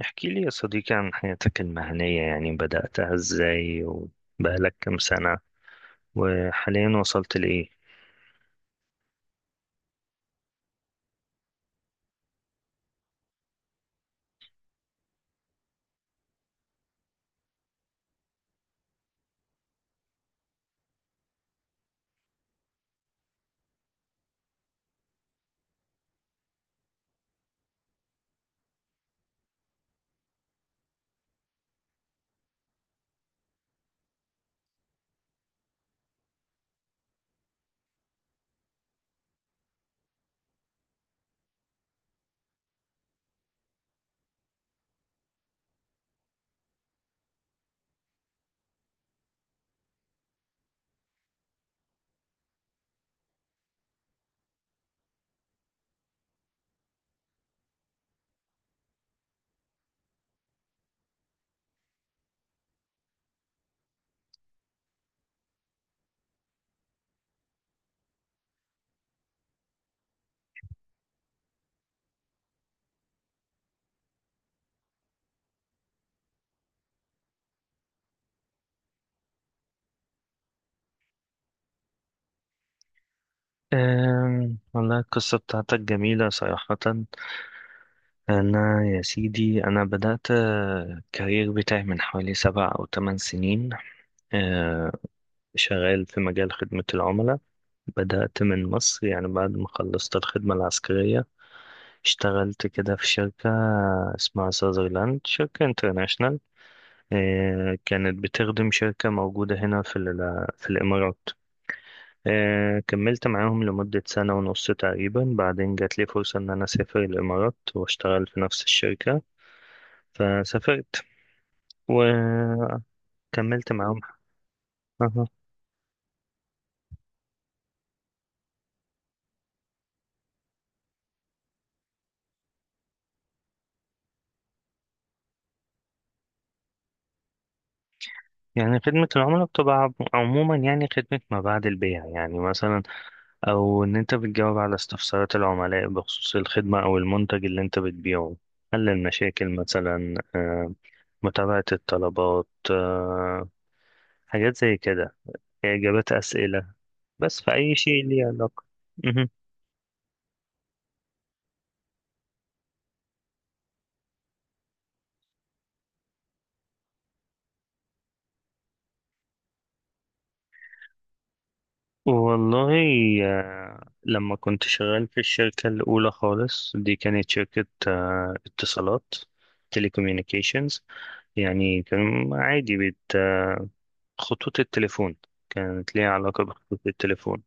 احكي لي يا صديقي عن حياتك المهنية، يعني بدأتها ازاي وبقالك كم سنة وحاليا وصلت لإيه؟ والله القصة بتاعتك جميلة صراحة. أنا يا سيدي، بدأت الكارير بتاعي من حوالي سبع أو تمن سنين. آه، شغال في مجال خدمة العملاء. بدأت من مصر، يعني بعد ما خلصت الخدمة العسكرية اشتغلت كده في شركة اسمها ساذرلاند، شركة انترناشونال. كانت بتخدم شركة موجودة هنا في الإمارات. كملت معاهم لمدة سنة ونص تقريبا، بعدين جات لي فرصة إن أنا أسافر الإمارات وأشتغل في نفس الشركة، فسافرت وكملت معاهم. أها. يعني خدمة العملاء بتبقى عموما، يعني خدمة ما بعد البيع، يعني مثلا أو إن أنت بتجاوب على استفسارات العملاء بخصوص الخدمة أو المنتج اللي أنت بتبيعه، حل المشاكل مثلا، متابعة الطلبات، حاجات زي كده، إجابات أسئلة، بس في أي شيء ليه علاقة. مهم. والله لما كنت شغال في الشركة الأولى خالص، دي كانت شركة اتصالات، تليكوميونيكيشنز. يعني كان عادي بت آه، خطوط التليفون، كانت ليها علاقة بخطوط التليفون.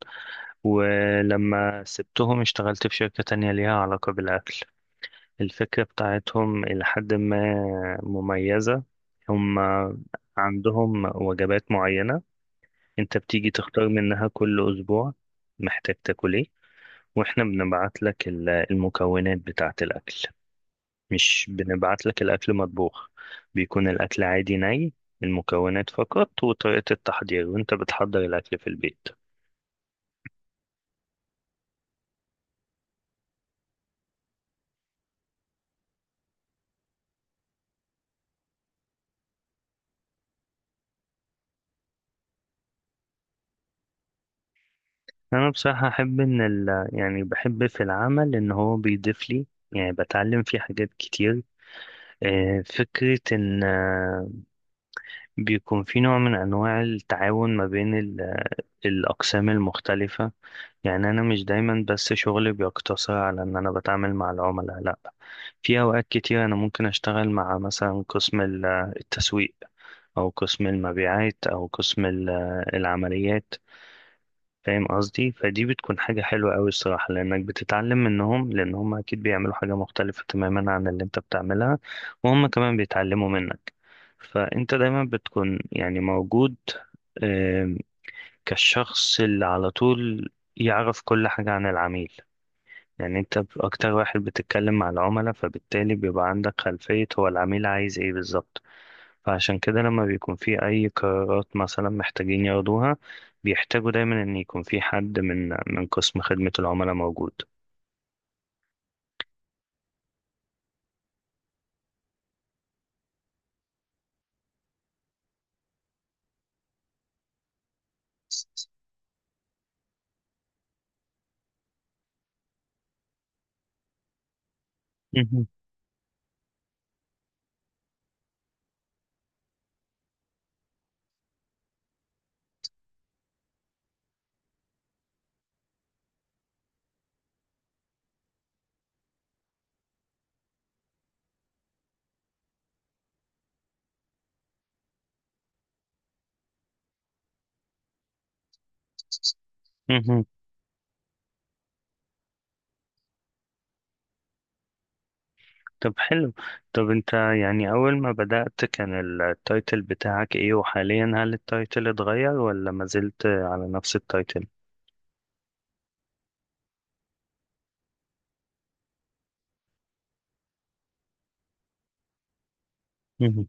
ولما سبتهم اشتغلت في شركة تانية ليها علاقة بالأكل. الفكرة بتاعتهم إلى حد ما مميزة. هم عندهم وجبات معينة، أنت بتيجي تختار منها كل أسبوع محتاج تاكل إيه، وإحنا بنبعت لك المكونات بتاعة الأكل، مش بنبعت لك الأكل مطبوخ. بيكون الأكل عادي ني، المكونات فقط وطريقة التحضير، وأنت بتحضر الأكل في البيت. أنا بصراحة أحب إن يعني بحب في العمل إن هو بيضيف لي، يعني بتعلم فيه حاجات كتير. فكرة إن بيكون في نوع من أنواع التعاون ما بين الأقسام المختلفة. يعني أنا مش دايما بس شغلي بيقتصر على إن أنا بتعامل مع العملاء، لأ، في أوقات كتير أنا ممكن أشتغل مع مثلا قسم التسويق، أو قسم المبيعات، أو قسم العمليات. فاهم قصدي؟ فدي بتكون حاجة حلوة أوي الصراحة، لأنك بتتعلم منهم، لأن هم أكيد بيعملوا حاجة مختلفة تماما عن اللي أنت بتعملها، وهم كمان بيتعلموا منك. فأنت دايما بتكون يعني موجود آم، كالشخص اللي على طول يعرف كل حاجة عن العميل. يعني أنت أكتر واحد بتتكلم مع العملاء، فبالتالي بيبقى عندك خلفية هو العميل عايز إيه بالظبط. فعشان كده لما بيكون في أي قرارات مثلا محتاجين ياخدوها، بيحتاجوا دايما إن يكون في حد من قسم خدمة العملاء موجود. مهم. مهم. طب حلو. طب أنت يعني أول ما بدأت كان التايتل بتاعك إيه، وحاليا هل التايتل اتغير ولا ما زلت على نفس التايتل؟ مهم.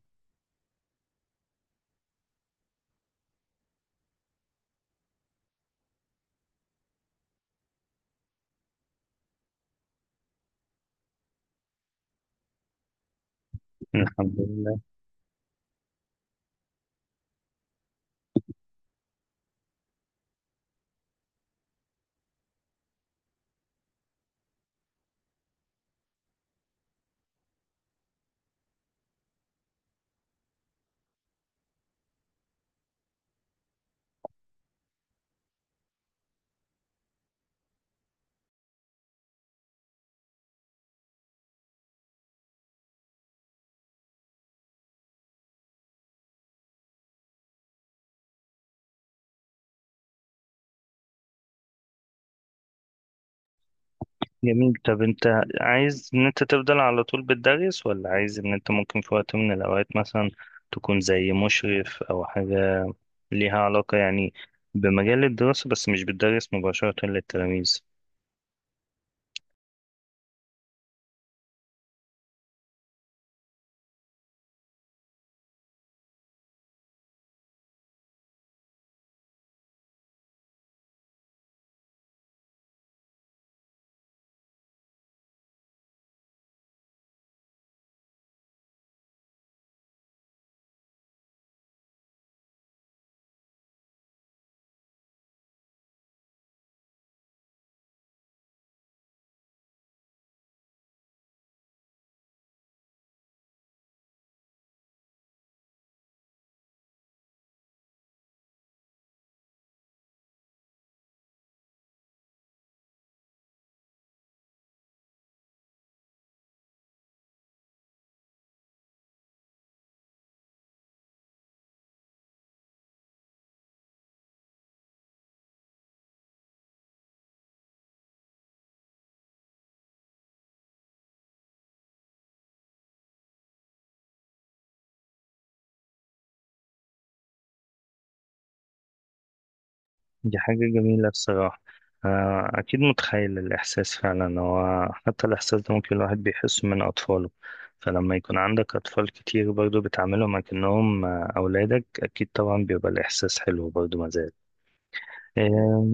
الحمد لله. جميل. طب أنت عايز إن أنت تفضل على طول بتدرس، ولا عايز إن أنت ممكن في وقت من الأوقات مثلا تكون زي مشرف أو حاجة ليها علاقة يعني بمجال الدراسة بس مش بتدرس مباشرة للتلاميذ؟ دي حاجة جميلة الصراحة. أكيد متخيل الإحساس فعلا، هو حتى الإحساس ده ممكن الواحد بيحسه من أطفاله. فلما يكون عندك أطفال كتير برضه بتعاملهم أكنهم أولادك، أكيد طبعا بيبقى الإحساس حلو برضه مازال. آه،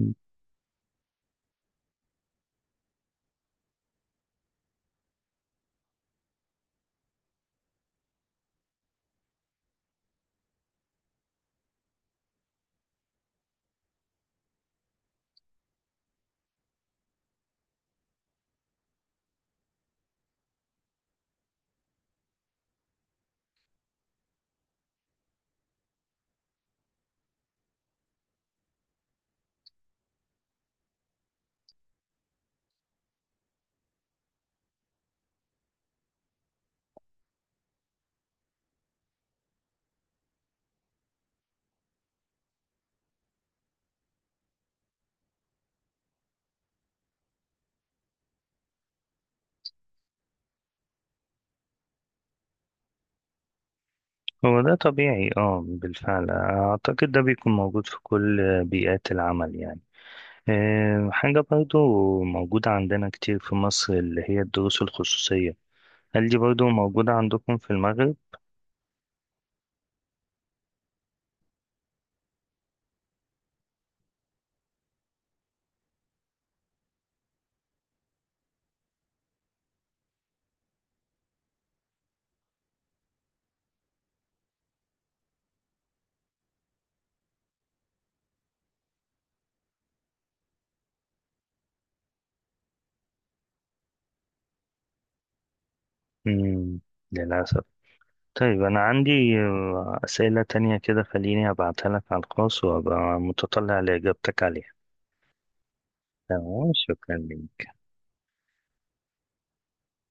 هو ده طبيعي، اه بالفعل، أعتقد ده بيكون موجود في كل بيئات العمل يعني. حاجة برضو موجودة عندنا كتير في مصر اللي هي الدروس الخصوصية، هل دي برضو موجودة عندكم في المغرب؟ مم، للأسف. طيب أنا عندي أسئلة تانية كده، خليني أبعتها لك على الخاص وأبقى متطلع لإجابتك عليها. تمام، شكرا لك.